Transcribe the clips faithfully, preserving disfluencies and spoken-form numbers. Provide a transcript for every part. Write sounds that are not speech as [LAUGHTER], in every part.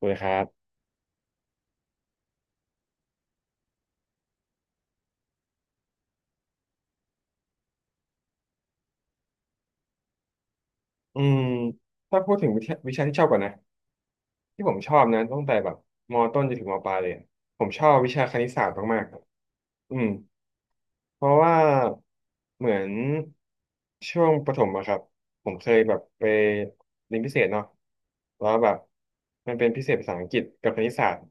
คุยครับอืมถ้าพูดถึงวิชาวิชาที่ชอบก่อนนะที่ผมชอบนะตั้งแต่แบบมต้นจนถึงมปลายเลยอะผมชอบวิชาคณิตศาสตร์มากๆอืมเพราะว่าเหมือนช่วงประถมอะครับ ผมเคยแบบไปเรียนพิเศษเนาะแล้วแบบมันเป็นพิเศษภาษาอังกฤษกับคณิตศาสตร์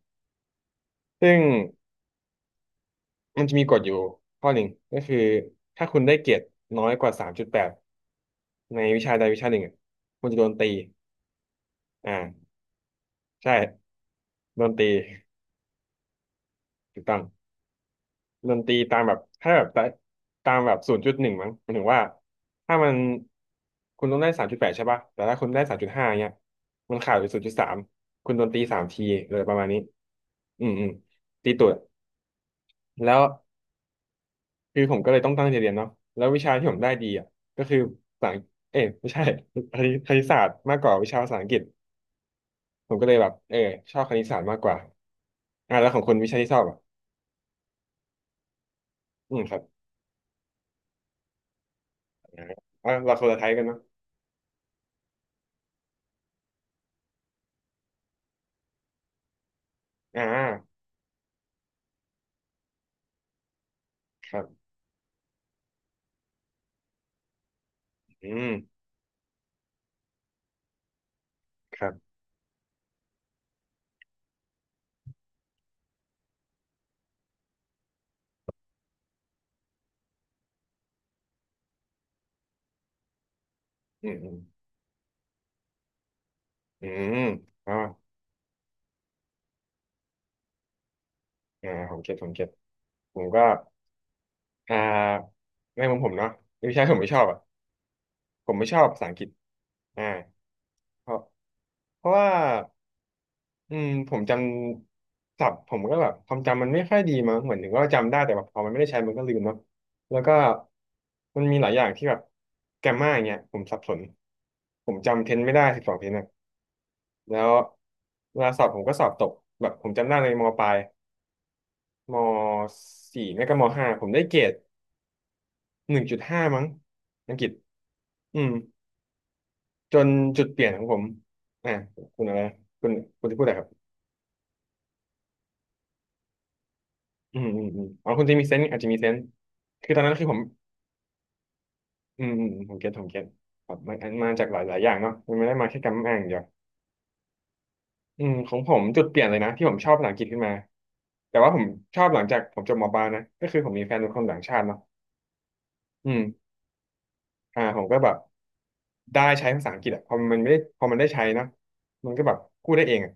ซึ่งมันจะมีกฎอยู่ข้อหนึ่งก็คือถ้าคุณได้เกรดน้อยกว่าสามจุดแปดในวิชาใดวิชาหนึ่งอะคุณจะโดนตีอ่าใช่ ดนตรีถูกต้องดนตรีตามแบบถ้าแบบตาตามแบบศูนย์จุดหนึ่งมั้งหมายถึงว่าถ้ามันคุณต้องได้สามจุดแปดใช่ป่ะแต่ถ้าคุณได้สามจุดห้าเนี้ยมันขาดไปศูนย์จุดสามคุณโดนตรีสามทีเลยประมาณนี้อืมอืมตีตูดแล้วคือผมก็เลยต้องตั้งใจเรียนเนาะแล้ววิชาที่ผมได้ดีอ่ะก็คือภาษาเอ้ยไม่ใช่คณิตคณิตศาสตร์มากกว่าวิชาภาษาอังกฤษผมก็เลยแบบเออชอบคณิตศาสตร์มากกว่าอ่าแล้วของคุณวิชาที่ชอบอ่ะอืมครับอ่าเราคนละไทยกันเนาะ อ่าครับอืมครับอืมอืมอืมอ๋ออ่าผมเก็ตผมเก็ตผมก็อ่าในมุมผมเนาะไม่ใช่ผมไม่ชอบอ่ะผมไม่ชอบภาษาอังกฤษอ่าเพราะเพราะว่าอืมผมจำศัพท์ผมก็แบบความจำมันไม่ค่อยดีมั้งเหมือนถึงว่าจำได้แต่แบบพอมันไม่ได้ใช้มันก็ลืมเนาะแล้วก็มันมีหลายอย่างที่แบบแกรมม่าอย่างเงี้ยผมสับสนผมจำเทนไม่ได้สิบสองเทน แล้วเวลาสอบผมก็สอบตกแบบผมจำได้ในมปลายมสี่ไม่ก็มห้าผมได้เกรดหนึ่งจุดห้ามั้งอังกฤษอืมจนจุดเปลี่ยนของผมอ่าคุณอะไรคุณคุณจะพูดอะไรครับอืมอืมอืมอ๋อคุณจะมีเซนส์อาจจะมีเซนส์คือตอนนั้นคือผมอืมอืมอืมผมเก็ตผมเก็ตครับมันมันมาจากหลายหลายอย่างเนาะมันไม่ได้มาแค่กรรมอ่างอย่างเดียวอืมของผมจุดเปลี่ยนเลยนะที่ผมชอบภาษาอังกฤษขึ้นมาแต่ว่าผมชอบหลังจากผมจบมปลายนะก็คือผมมีแฟนเป็นคนต่างชาติเนาะอืมอ่าผมก็แบบ ได้ใช้ภาษาอังกฤษอะพอมันไม่ได้พอมันได้ใช้นะมันก็แบบพูดได้เองอะ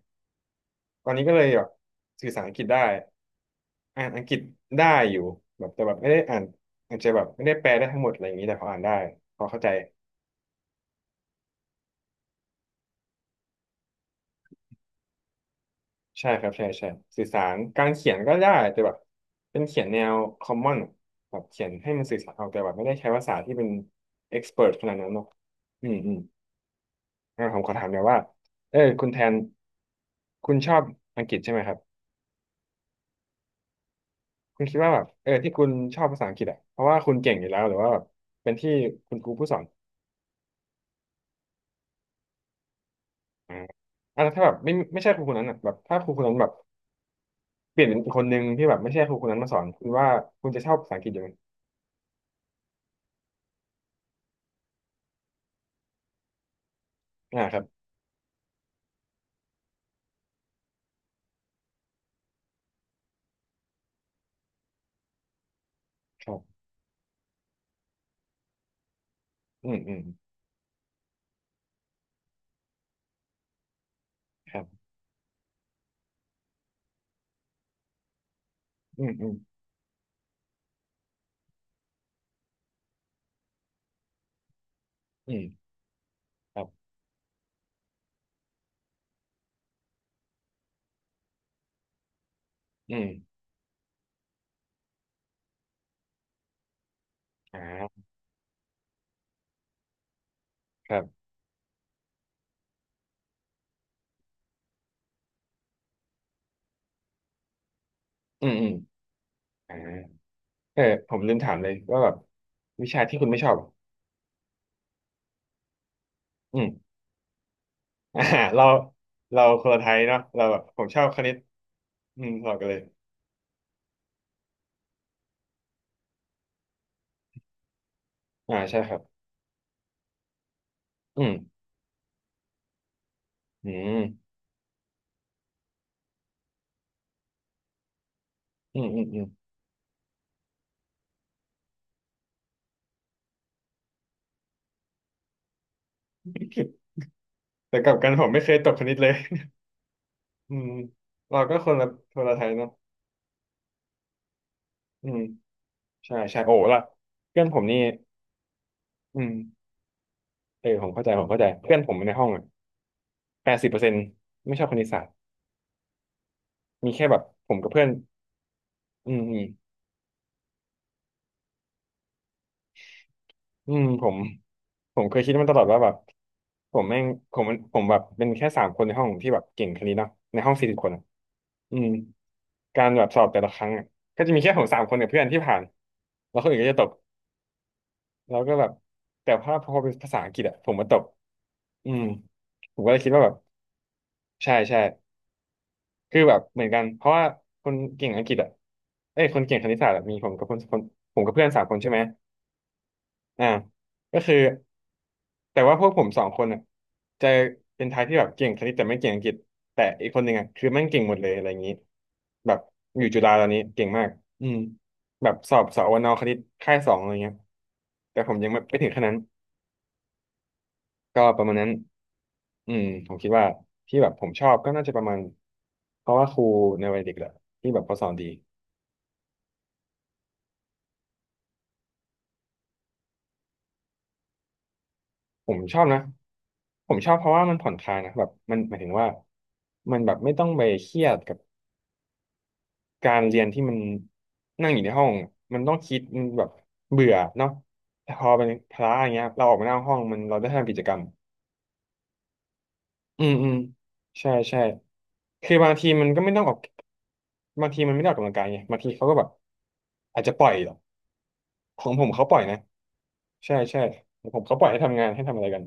ตอนนี้ก็เลยแบบสื่อสารอังกฤษได้อ่านอังกฤษได้อยู่แบบแต่แบบไม่ได้อ่านอาจจะแบบไม่ได้แปลได้ทั้งหมดอะไรอย่างนี้แต่พออ่านได้พอเข้าใจใช่ครับใช่ใช่สื่อสารการเขียนก็ได้แต่แบบเป็นเขียนแนว common อะแบบเขียนให้มันสื่อสารออกแต่แบบไม่ได้ใช้ภาษาที่เป็น expert ขนาดนั้นเนาะอืมอืมงั้นผมขอถามหน่อยว่าเออคุณแทนคุณชอบอังกฤษใช่ไหมครับ คุณคิดว่าแบบเออที่คุณชอบภาษาอังกฤษอ่ะเพราะว่าคุณเก่งอยู่แล้วหรือว่าแบบเป็นที่คุณครูผู้สอนอ่าอ่ะแล้วถ้าแบบไม่ไม่ใช่ครูคนนั้นอ่ะแบบถ้าครูคนนั้นแบบเปลี่ยนเป็นอีกคนนึงที่แบบไม่ใช่ครูคนนั้นมาสอนคุณว่าคุณจะชอบภาษาอังกฤษอยู่ไหมอ่าครับครับอืมอืมครับอืมอืมอืมครับอืมอ่าครับอืมอืมอ่าเออผมลืมถามเลยว่าแบบวิชาที่คุณไม่ชอบอะอืม [LAUGHS] อ่าเราเราคนละไทยเนาะเราแบบผมชอบคณิตอืมสอบกันเลยอ่าใช่ครับอืมอืม อืมอืมอืม [LAUGHS] แต่กลับกันผมไม่เคยตกคณิตเลยอืมเราก็คนละคนละไทยเนาะอืมใช่ใช่โอ้ละเพื่อนผมนี่อืมเออผมเข้าใจผมเข้าใจเพื่อนผมในห้องอ่ะแปดสิบเปอร์เซ็นต์ไม่ชอบคณิตศาสตร์มีแค่แบบผมกับเพื่อนอืมอืมอืมผมผมเคยคิดมาตลอดว่าแบบผมแม่งผมมันผมแบบเป็นแค่สามคนในห้องที่แบบเก่งคณิตเนาะในห้องสี่สิบคนอะอืมการแบบสอบแต่ละครั้งอะก็จะมีแค่ผมสามคนกับเพื่อนที่ผ่านแล้วคนอื่นก็จะตก แล้วก็แบบแต่พอพอเป็นภาษาอังกฤษอะผมมาตกอืมผมก็เลยคิดว่าแบบใช่ใช่คือแบบเหมือนกันเพราะว่าคนเก่งอังกฤษอะเอ้ยคนเก่งคณิตศาสตร์อะมีผมกับคนคนผมกับเพื่อนสามคนใช่ไหมอ่าก็คือแต่ว่าพวกผมสองคนอะจะเป็นทายที่แบบเก่งคณิตแต่ไม่เก่งอังกฤษแต่อีกคนหนึ่งอะคือแม่งเก่งหมดเลยอะไรอย่างนี้แบบอยู่จุฬาตอนนี้เก่งมากอืมแบบสอบสอวนคณิตค่ายสองอะไรเงี้ยแต่ผมยังไม่ไปถึงขนาดนั้น ก็ประมาณนั้นอืมผมคิดว่าที่แบบผมชอบก็น่าจะประมาณเพราะว่าครูในวัยเด็กแหละที่แบบเขาสอนดี ผมชอบนะ ผมชอบเพราะว่ามันผ่อนคลายนะแบบมันหมายถึงว่ามันแบบไม่ต้องไปเครียดกับการเรียนที่มันนั่งอยู่ในห้องมันต้องคิดมันแบบเบื่อเนาะแต่พอเป็นพละอย่างเงี้ยเราออกมาหน้าห้องมันเราได้ทำกิจกรรมอืมอืมใช่ใช่คือบางทีมันก็ไม่ต้องออกบางทีมันไม่ได้ออกกำลังกายไงบางทีเขาก็แบบอาจจะปล่อย ของผมเขาปล่อยนะใช่ใช่ของผมเขาปล่อยให้ทำงานให้ทำอะไรกัน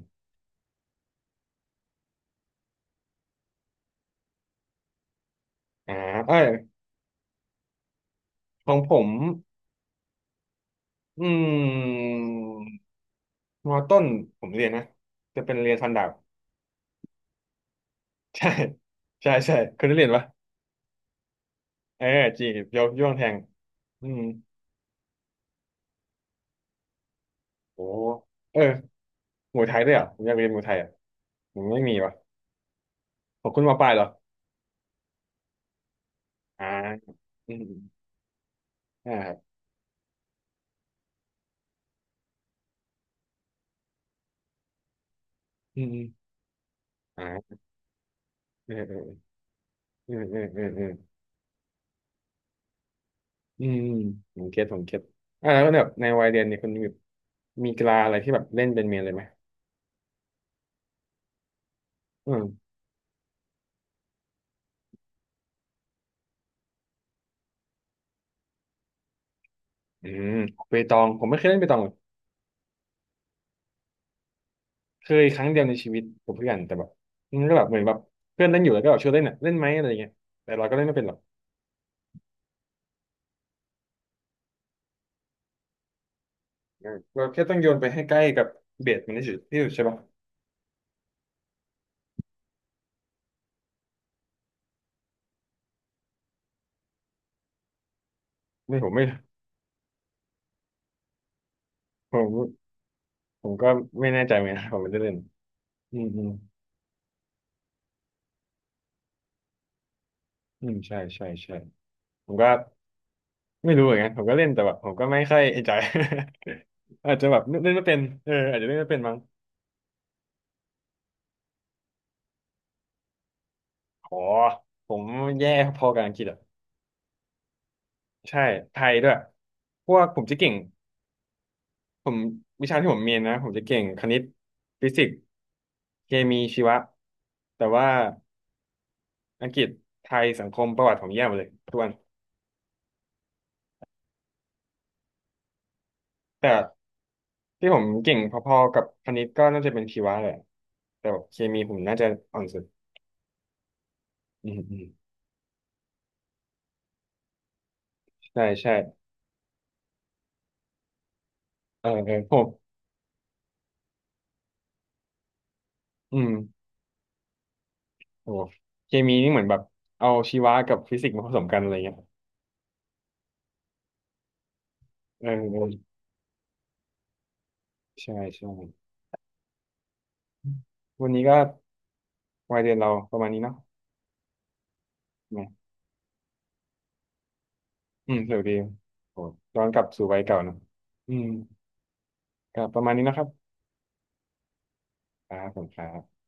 อ่าเอ้ยของผมอืมมอต้นผมเรียนนะจะเป็นเรียนฟันดาบ [LAUGHS] ใช่ใช่ใช่เคยได้เรียนปะเออจีบยกย่องแทงอืมโอ้เออมวยไทยด้วยเหรอผมอยากเรียนมวยไทยอ่ะผมไม่มีวะของคุณมาปลายเหรออ่าอืมอมอ่าครับอืมอมอ่าเออเออเออเออเออ อืมอืมผมเก็ตผมเก็ตอ่าแล้วแบบในวัยเรียนเนี่ยคุณมีมีกีฬาอะไรที่แบบเล่นเป็นเมนเลยไหมอืมอืมเปตองผมไม่เคยเล่นเปตองเลยเคยครั้งเดียวในชีวิตกับเพื่อนแต่แบบมันก็แบบเหมือนแบบเพื่อนเล่นอยู่แล้วก็แบบชวนเล่นอ่ะเล่นไหมอะไรเงี้ยแต่เราก็เล่นไม่เป็นหรอกเออเราแค่ต้องโยนไปให้ใกล้กับเบสมันที่สุดที่สุดใช่ปะไม่ผมไม่ผมผมก็ไม่แน่ใจเหมือนกันผมไม่ได้เล่นอืมอืมอืมใช่ใช่ใช่ผมก็ ไม่รู้เหมือนกันผมก็เล่นแต่แบบผมก็ไม่ค่อยเอ [LAUGHS] นจอย [LAUGHS] อาจจะแบบเล่นไม่เป็นเอออาจจะเล่นไม่เป็นมั้งอ๋อผมแย่พอกับอังกฤษอ่ะใช่ไทยด้วยพวกผมจะเก่งผมวิชาที่ผมเรียนนะผมจะเก่งคณิตฟิสิกส์เคมีชีวะแต่ว่าอังกฤษไทยสังคมประวัติผมแย่หมดเลยทุกวันแต่ที่ผมเก่งพอๆกับคณิตก็น่าจะเป็นชีวะแหละแต่แบบเคมีผมน่าจะอ่อนสุดอืมอืมใช่ใช่เออเออผมอืม โอ้เคมีนี่เหมือนแบบเอาชีวะกับฟิสิกส์มาผสมกันอะไรเงี้ยเออเออใช่ใช่ วันนี้ก็วัยเรียนเราประมาณนี้เนาะไหมอืมสวัสดีโอ้ย้อนกลับสู่วัยเก่าเนอะอืมก็ประมาณนี้นะครับครับผมครับ